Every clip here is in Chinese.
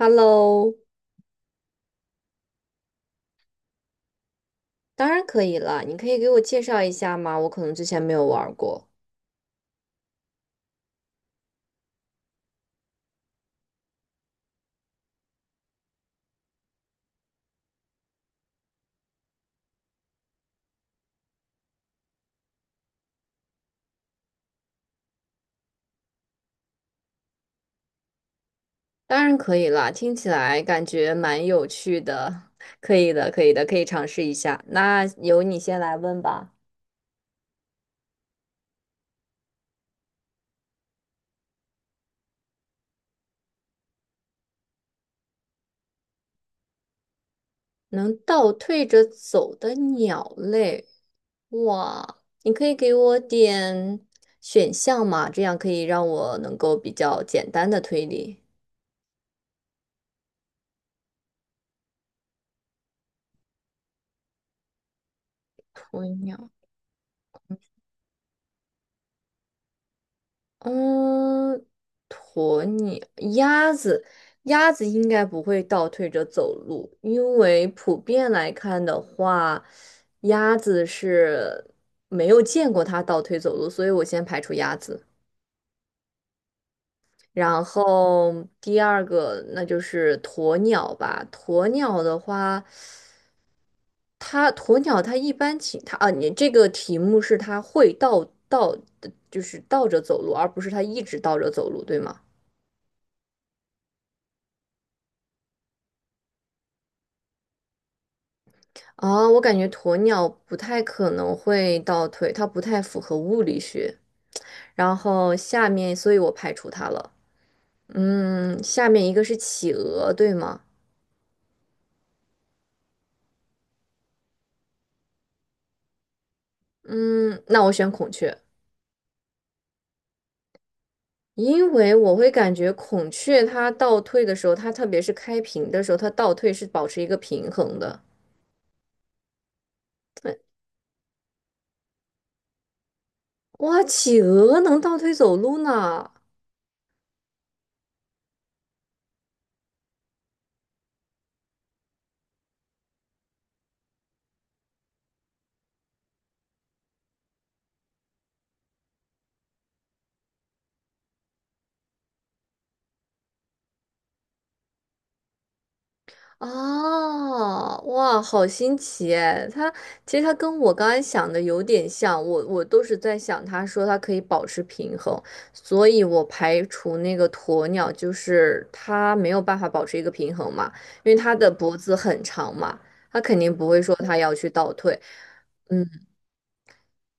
Hello，当然可以了。你可以给我介绍一下吗？我可能之前没有玩儿过。当然可以啦，听起来感觉蛮有趣的。可以的，可以的，可以尝试一下。那由你先来问吧。能倒退着走的鸟类，哇，你可以给我点选项吗？这样可以让我能够比较简单的推理。鸵鸟。嗯，鸵鸟、鸭子，鸭子应该不会倒退着走路，因为普遍来看的话，鸭子是没有见过它倒退走路，所以我先排除鸭子。然后第二个，那就是鸵鸟吧。鸵鸟的话，它鸵鸟它一般情它啊，你这个题目是它会倒，就是倒着走路，而不是它一直倒着走路，对吗？啊，我感觉鸵鸟不太可能会倒退，它不太符合物理学。然后下面，所以我排除它了。嗯，下面一个是企鹅，对吗？嗯，那我选孔雀，因为我会感觉孔雀它倒退的时候，它特别是开屏的时候，它倒退是保持一个平衡的。哎，哇，企鹅能倒退走路呢？哦，哇，好新奇哎！它其实它跟我刚才想的有点像，我都是在想，他说它可以保持平衡，所以我排除那个鸵鸟，就是它没有办法保持一个平衡嘛，因为它的脖子很长嘛，它肯定不会说它要去倒退。嗯。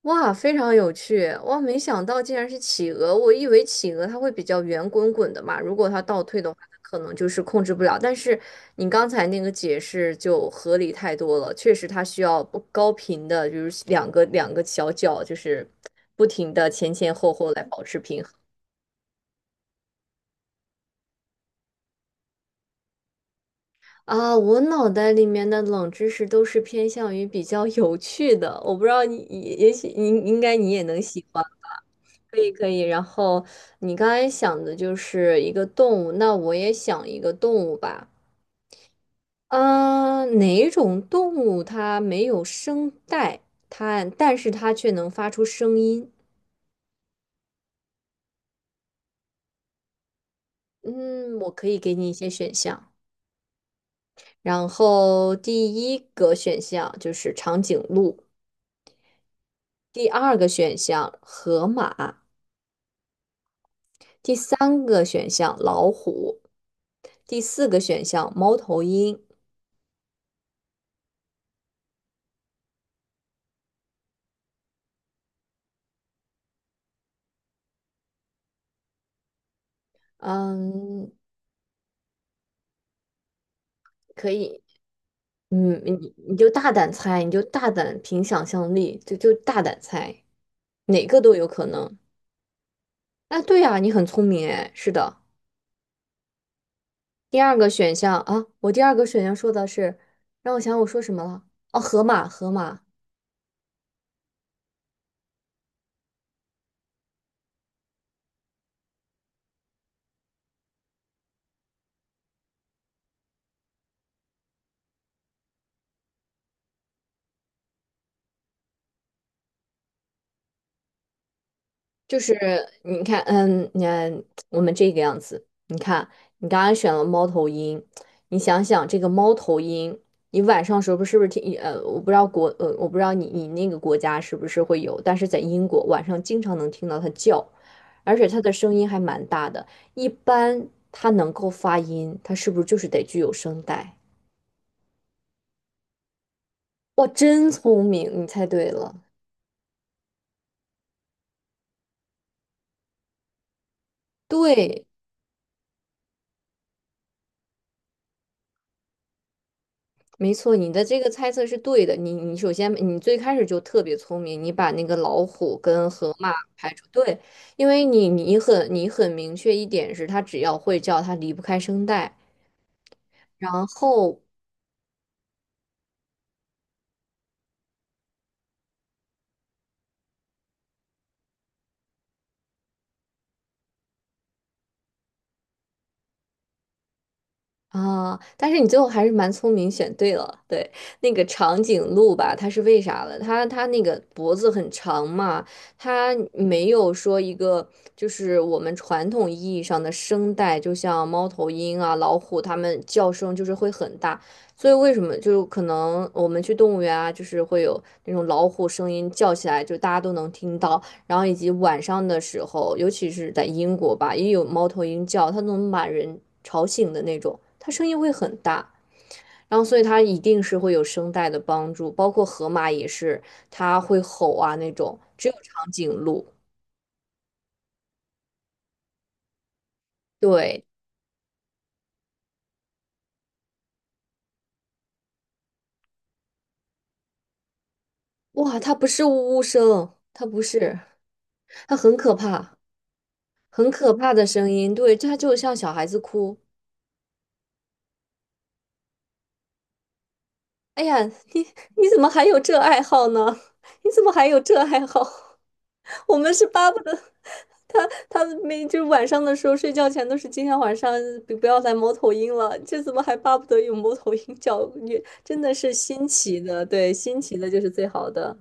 哇，非常有趣！哇，没想到竟然是企鹅，我以为企鹅它会比较圆滚滚的嘛，如果它倒退的话，它可能就是控制不了。但是你刚才那个解释就合理太多了，确实它需要不高频的，就是两个小脚，就是不停的前前后后来保持平衡。啊，我脑袋里面的冷知识都是偏向于比较有趣的，我不知道你，也也许你应该你也能喜欢。可以可以，然后你刚才想的就是一个动物，那我也想一个动物吧。嗯，哪种动物它没有声带，它但是它却能发出声音？嗯，我可以给你一些选项。然后第一个选项就是长颈鹿，第二个选项河马，第三个选项老虎，第四个选项猫头鹰。嗯，可以，嗯，你就大胆猜，你就大胆凭想象力，就大胆猜，哪个都有可能。啊，对呀，你很聪明哎，是的。第二个选项啊，我第二个选项说的是，让我想想我说什么了？哦，河马，河马。就是你看，嗯，你看我们这个样子，你看你刚刚选了猫头鹰，你想想这个猫头鹰，你晚上时候不是听我不知道国我不知道你那个国家是不是会有，但是在英国晚上经常能听到它叫，而且它的声音还蛮大的，一般它能够发音，它是不是就是得具有声带？哇，真聪明，你猜对了，对，没错，你的这个猜测是对的。你首先你最开始就特别聪明，你把那个老虎跟河马排除。对，因为你很明确一点是，它只要会叫，它离不开声带。然后啊，但是你最后还是蛮聪明，选对了。对，那个长颈鹿吧，它是为啥了？它那个脖子很长嘛，它没有说一个就是我们传统意义上的声带，就像猫头鹰啊、老虎，它们叫声就是会很大。所以为什么就可能我们去动物园啊，就是会有那种老虎声音叫起来，就大家都能听到。然后以及晚上的时候，尤其是在英国吧，也有猫头鹰叫，它能把人吵醒的那种，它声音会很大。然后，所以它一定是会有声带的帮助，包括河马也是，它会吼啊那种。只有长颈鹿，对，哇，它不是呜呜声，它不是，它很可怕，很可怕的声音。对，它就像小孩子哭，哎呀，你你怎么还有这爱好呢？你怎么还有这爱好？我们是巴不得他每就是晚上的时候睡觉前都是今天晚上不要来猫头鹰了，这怎么还巴不得有猫头鹰叫？也真的是新奇的，对，新奇的就是最好的。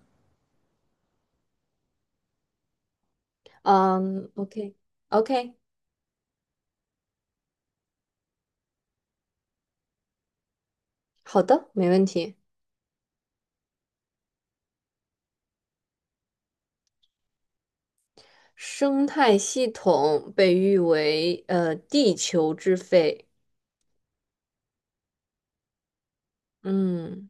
嗯，OK。 OK,好的，没问题。生态系统被誉为地球之肺。嗯。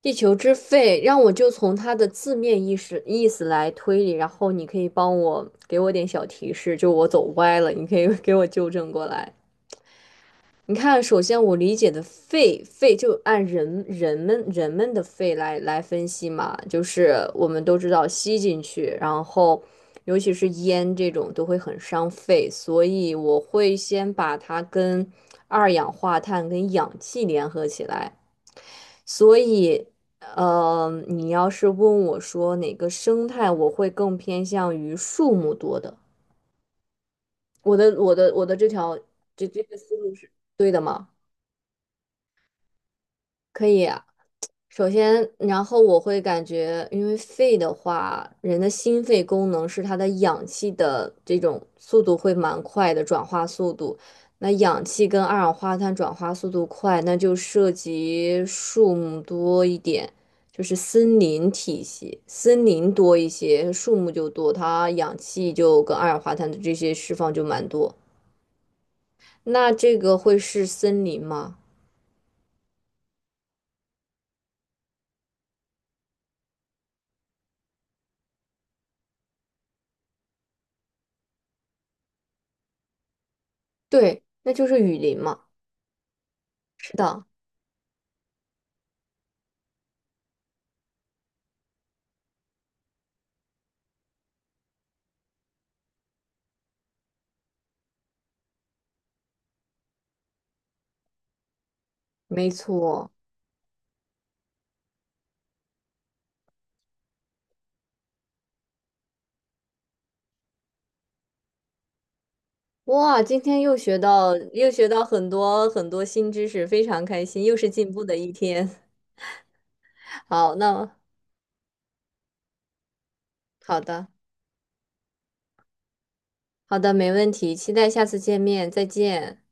地球之肺，让我就从它的字面意思来推理，然后你可以帮我给我点小提示，就我走歪了，你可以 给我纠正过来。你看，首先我理解的肺，肺就按人们的肺来分析嘛，就是我们都知道吸进去，然后尤其是烟这种都会很伤肺，所以我会先把它跟二氧化碳跟氧气联合起来。所以，呃，你要是问我说哪个生态，我会更偏向于树木多的。我的这条这个思路是对的吗？可以，首先，然后我会感觉，因为肺的话，人的心肺功能是它的氧气的这种速度会蛮快的转化速度。那氧气跟二氧化碳转化速度快，那就涉及树木多一点，就是森林体系，森林多一些，树木就多，它氧气就跟二氧化碳的这些释放就蛮多。那这个会是森林吗？对，那就是雨林嘛。是的，没错。哇，今天又学到很多很多新知识，非常开心，又是进步的一天。好，那好的，好的，没问题，期待下次见面，再见。